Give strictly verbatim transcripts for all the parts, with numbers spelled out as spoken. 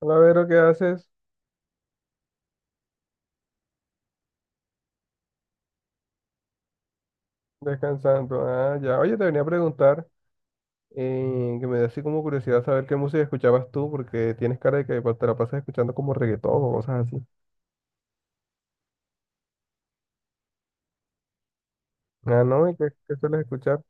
Hola, Vero, ¿qué haces? Descansando. Ah, ya. Oye, te venía a preguntar, eh, que me da así como curiosidad saber qué música escuchabas tú, porque tienes cara de que pues, te la pasas escuchando como reggaetón o cosas así. Ah, ¿no? Y qué, qué sueles escuchar?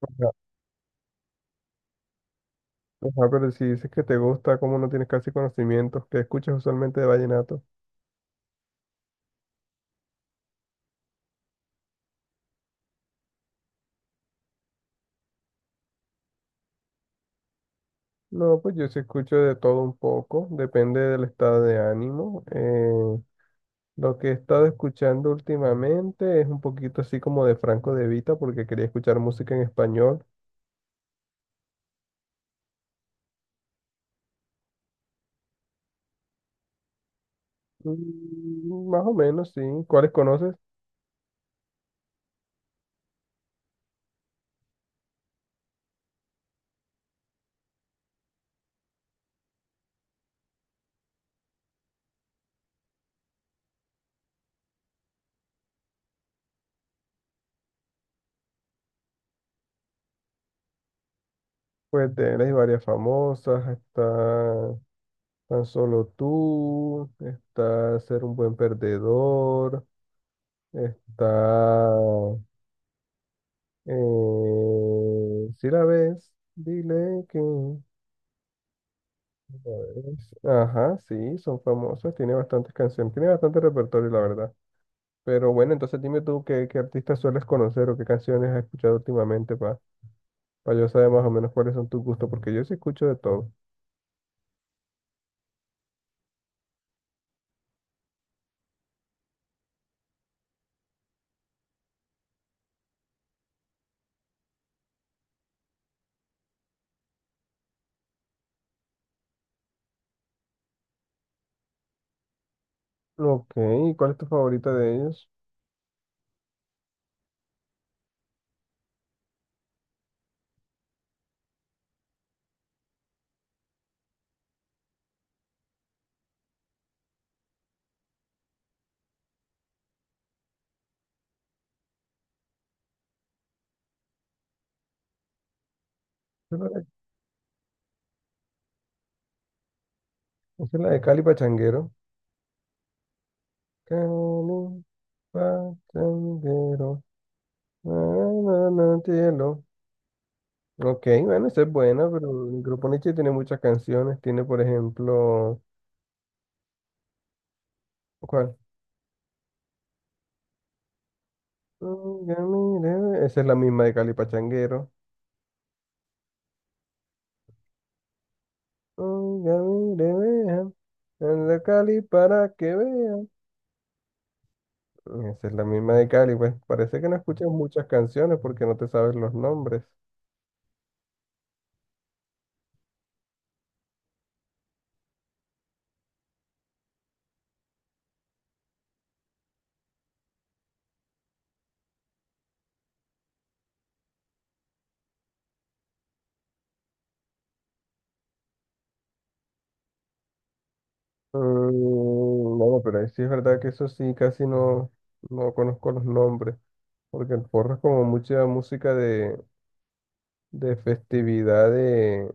Ajá. Ajá, pero si dices que te gusta, como no tienes casi conocimientos, ¿qué escuchas usualmente de vallenato? No, pues yo sí escucho de todo un poco, depende del estado de ánimo. Eh, lo que he estado escuchando últimamente es un poquito así como de Franco De Vita, porque quería escuchar música en español. Mm, más o menos, sí. ¿Cuáles conoces? Pues de él hay varias famosas. Está Tan Solo Tú, está Ser un Buen Perdedor, está... eh, si la ves, dile que... la ves. Ajá, sí, son famosas. Tiene bastantes canciones, tiene bastante repertorio, la verdad. Pero bueno, entonces dime tú qué, qué artistas sueles conocer o qué canciones has escuchado últimamente para yo saber más o menos cuáles son tus gustos, porque yo sí escucho de todo. Ok, ¿y cuál es tu favorita de ellos? Esa es la de, esa es la de Cali Pachanguero. Cali Pachanguero. Na, na, na, cielo. Ok, bueno, esa es buena, pero el grupo Nietzsche tiene muchas canciones. Tiene, por ejemplo, ¿cuál? Oiga, mire, ve- esa es la misma de Cali Pachanguero. Oiga, mire, vean. En la Cali para que vean. Esa es la misma de Cali, pues parece que no escuchas muchas canciones porque no te sabes los nombres. Mm, no, pero ahí sí es verdad que eso sí, casi no, no conozco los nombres, porque el porro es como mucha música de, de festividad, de,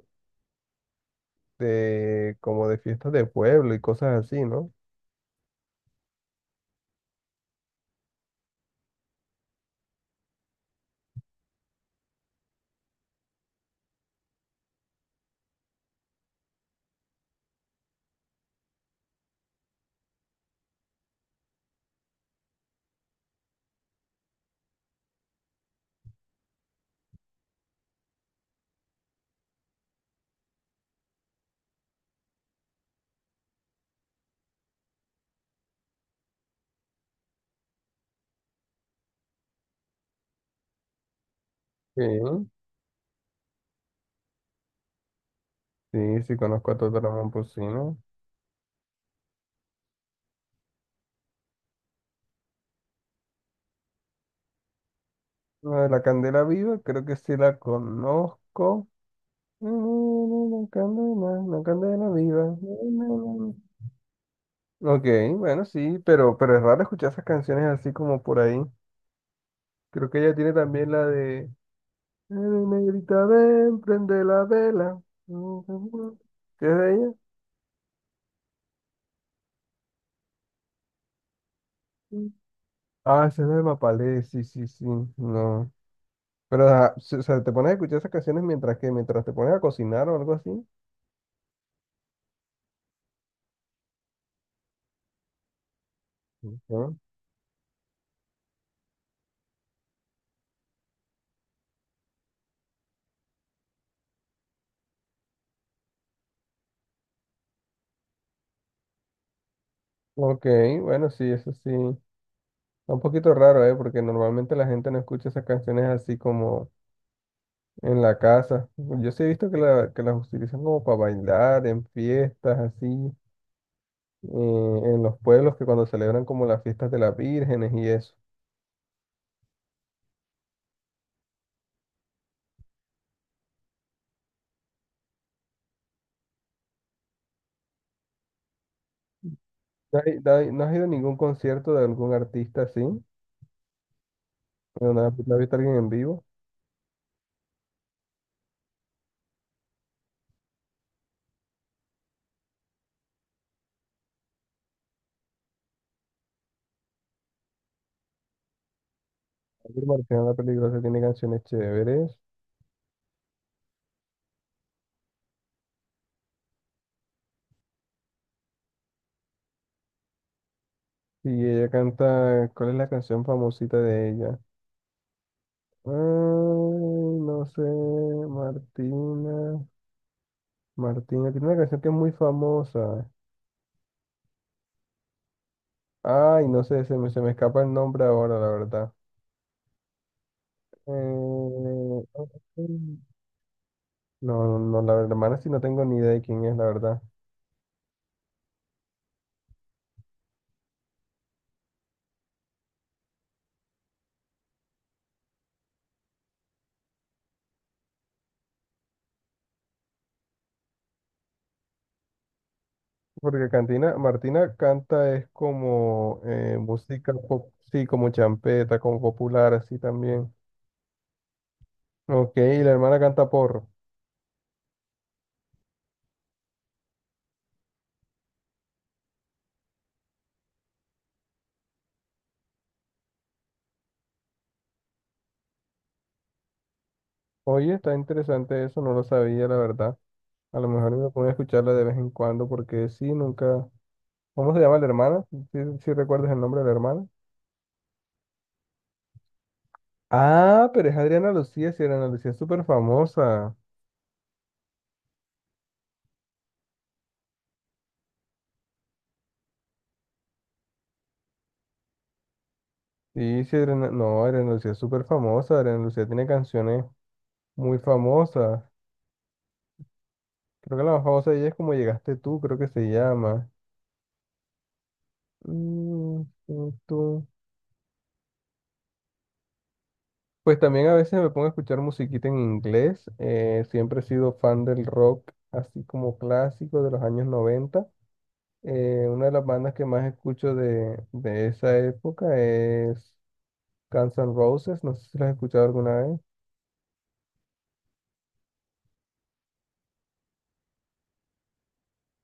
de como de fiestas de pueblo y cosas así, ¿no? Sí, sí, sí conozco a Toto Ramón Pocino. La de la Candela Viva, creo que sí la conozco. Mm, mm, mm, la candela, la candela viva. Na, na, na. Ok, bueno, sí, pero, pero es raro escuchar esas canciones así como por ahí. Creo que ella tiene también la de "Eh, negrita, ven, prende la vela". ¿Qué es de ella? Ah, esa es de Mapalé, sí, sí, sí, no. Pero, ah, s- o sea, te pones a escuchar esas canciones mientras que, mientras te pones a cocinar o algo así. Ujú. Ok, bueno, sí, eso sí. Está un poquito raro, ¿eh? Porque normalmente la gente no escucha esas canciones así como en la casa. Yo sí he visto que, la, que las utilizan como para bailar, en fiestas, así, y en los pueblos que cuando celebran como las fiestas de las vírgenes y eso. ¿No has, no has- ¿no has ido a ningún concierto de algún artista así? ¿No, no has no has visto a alguien en vivo? Ángel Martínez La Peligrosa tiene canciones chéveres. Y ella canta, ¿cuál es la canción famosita de ella? Ay, no sé, Martina. Martina, tiene una canción que es muy famosa. Ay, no sé, se me, se me escapa el nombre ahora, la verdad. Eh, No, no, la hermana sí no tengo ni idea de quién es, la verdad. Porque Cantina, Martina canta es como eh, música pop, sí, como champeta, como popular, así también. Ok, y la hermana canta porro. Oye, está interesante eso, no lo sabía, la verdad. A lo mejor me pongo a escucharla de vez en cuando, porque sí, nunca. ¿Cómo se llama la hermana? ¿Sí, sí recuerdas el nombre de la hermana? Ah, pero es Adriana Lucía, sí, Adriana Lucía es súper famosa. Sí, sí, Adriana... no, Adriana Lucía es súper famosa, Adriana Lucía tiene canciones. Muy famosa. Creo que la más famosa de ella es Como llegaste tú, creo que se llama. Mm, tú, tú. Pues también a veces me pongo a escuchar musiquita en inglés. Eh, siempre he sido fan del rock, así como clásico de los años noventa. Eh, una de las bandas que más escucho de, de esa época es Guns N' Roses. No sé si las has escuchado alguna vez.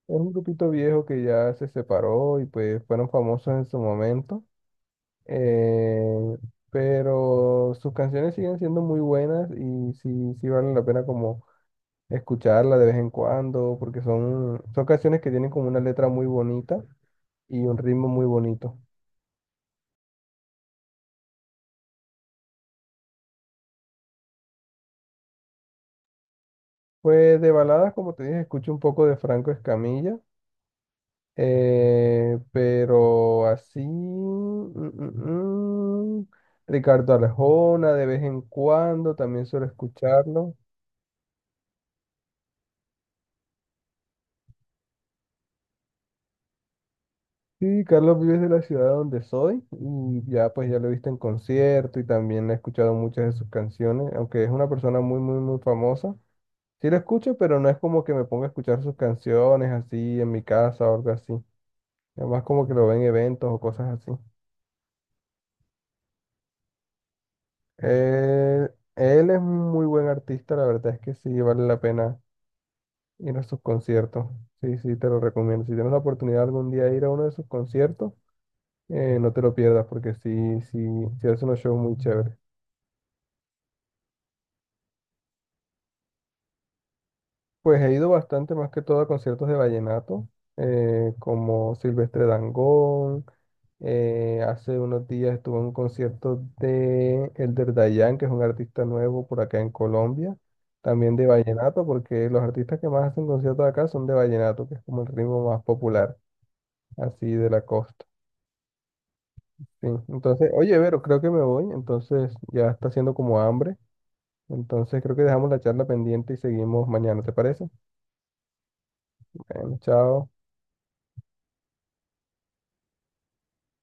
Es un grupito viejo que ya se separó y pues fueron famosos en su momento. eh, pero sus canciones siguen siendo muy buenas y sí, sí vale la pena como escucharla de vez en cuando, porque son, son canciones que tienen como una letra muy bonita y un ritmo muy bonito. Pues de baladas, como te dije, escucho un poco de Franco Escamilla, eh, pero así, mm, mm, mm, Ricardo Arjona de vez en cuando, también suelo escucharlo. Sí, Carlos Vives de la ciudad donde soy y ya pues ya lo he visto en concierto y también he escuchado muchas de sus canciones, aunque es una persona muy muy muy famosa. Sí lo escucho, pero no es como que me ponga a escuchar sus canciones así en mi casa o algo así. Además como que lo veo en eventos o cosas así. Eh, Él es un muy buen artista, la verdad es que sí vale la pena ir a sus conciertos. Sí, sí, te lo recomiendo. Si tienes la oportunidad algún día de ir a uno de sus conciertos, eh, no te lo pierdas porque sí, sí, sí hace unos shows muy chéveres. Pues he ido bastante más que todo a conciertos de vallenato, eh, como Silvestre Dangond. Eh, hace unos días estuve en un concierto de Elder Dayan, que es un artista nuevo por acá en Colombia, también de vallenato, porque los artistas que más hacen conciertos acá son de vallenato, que es como el ritmo más popular, así de la costa. Sí. Entonces, oye, Vero, creo que me voy, entonces ya está haciendo como hambre, entonces creo que dejamos la charla pendiente y seguimos mañana, ¿te parece? Bueno, chao.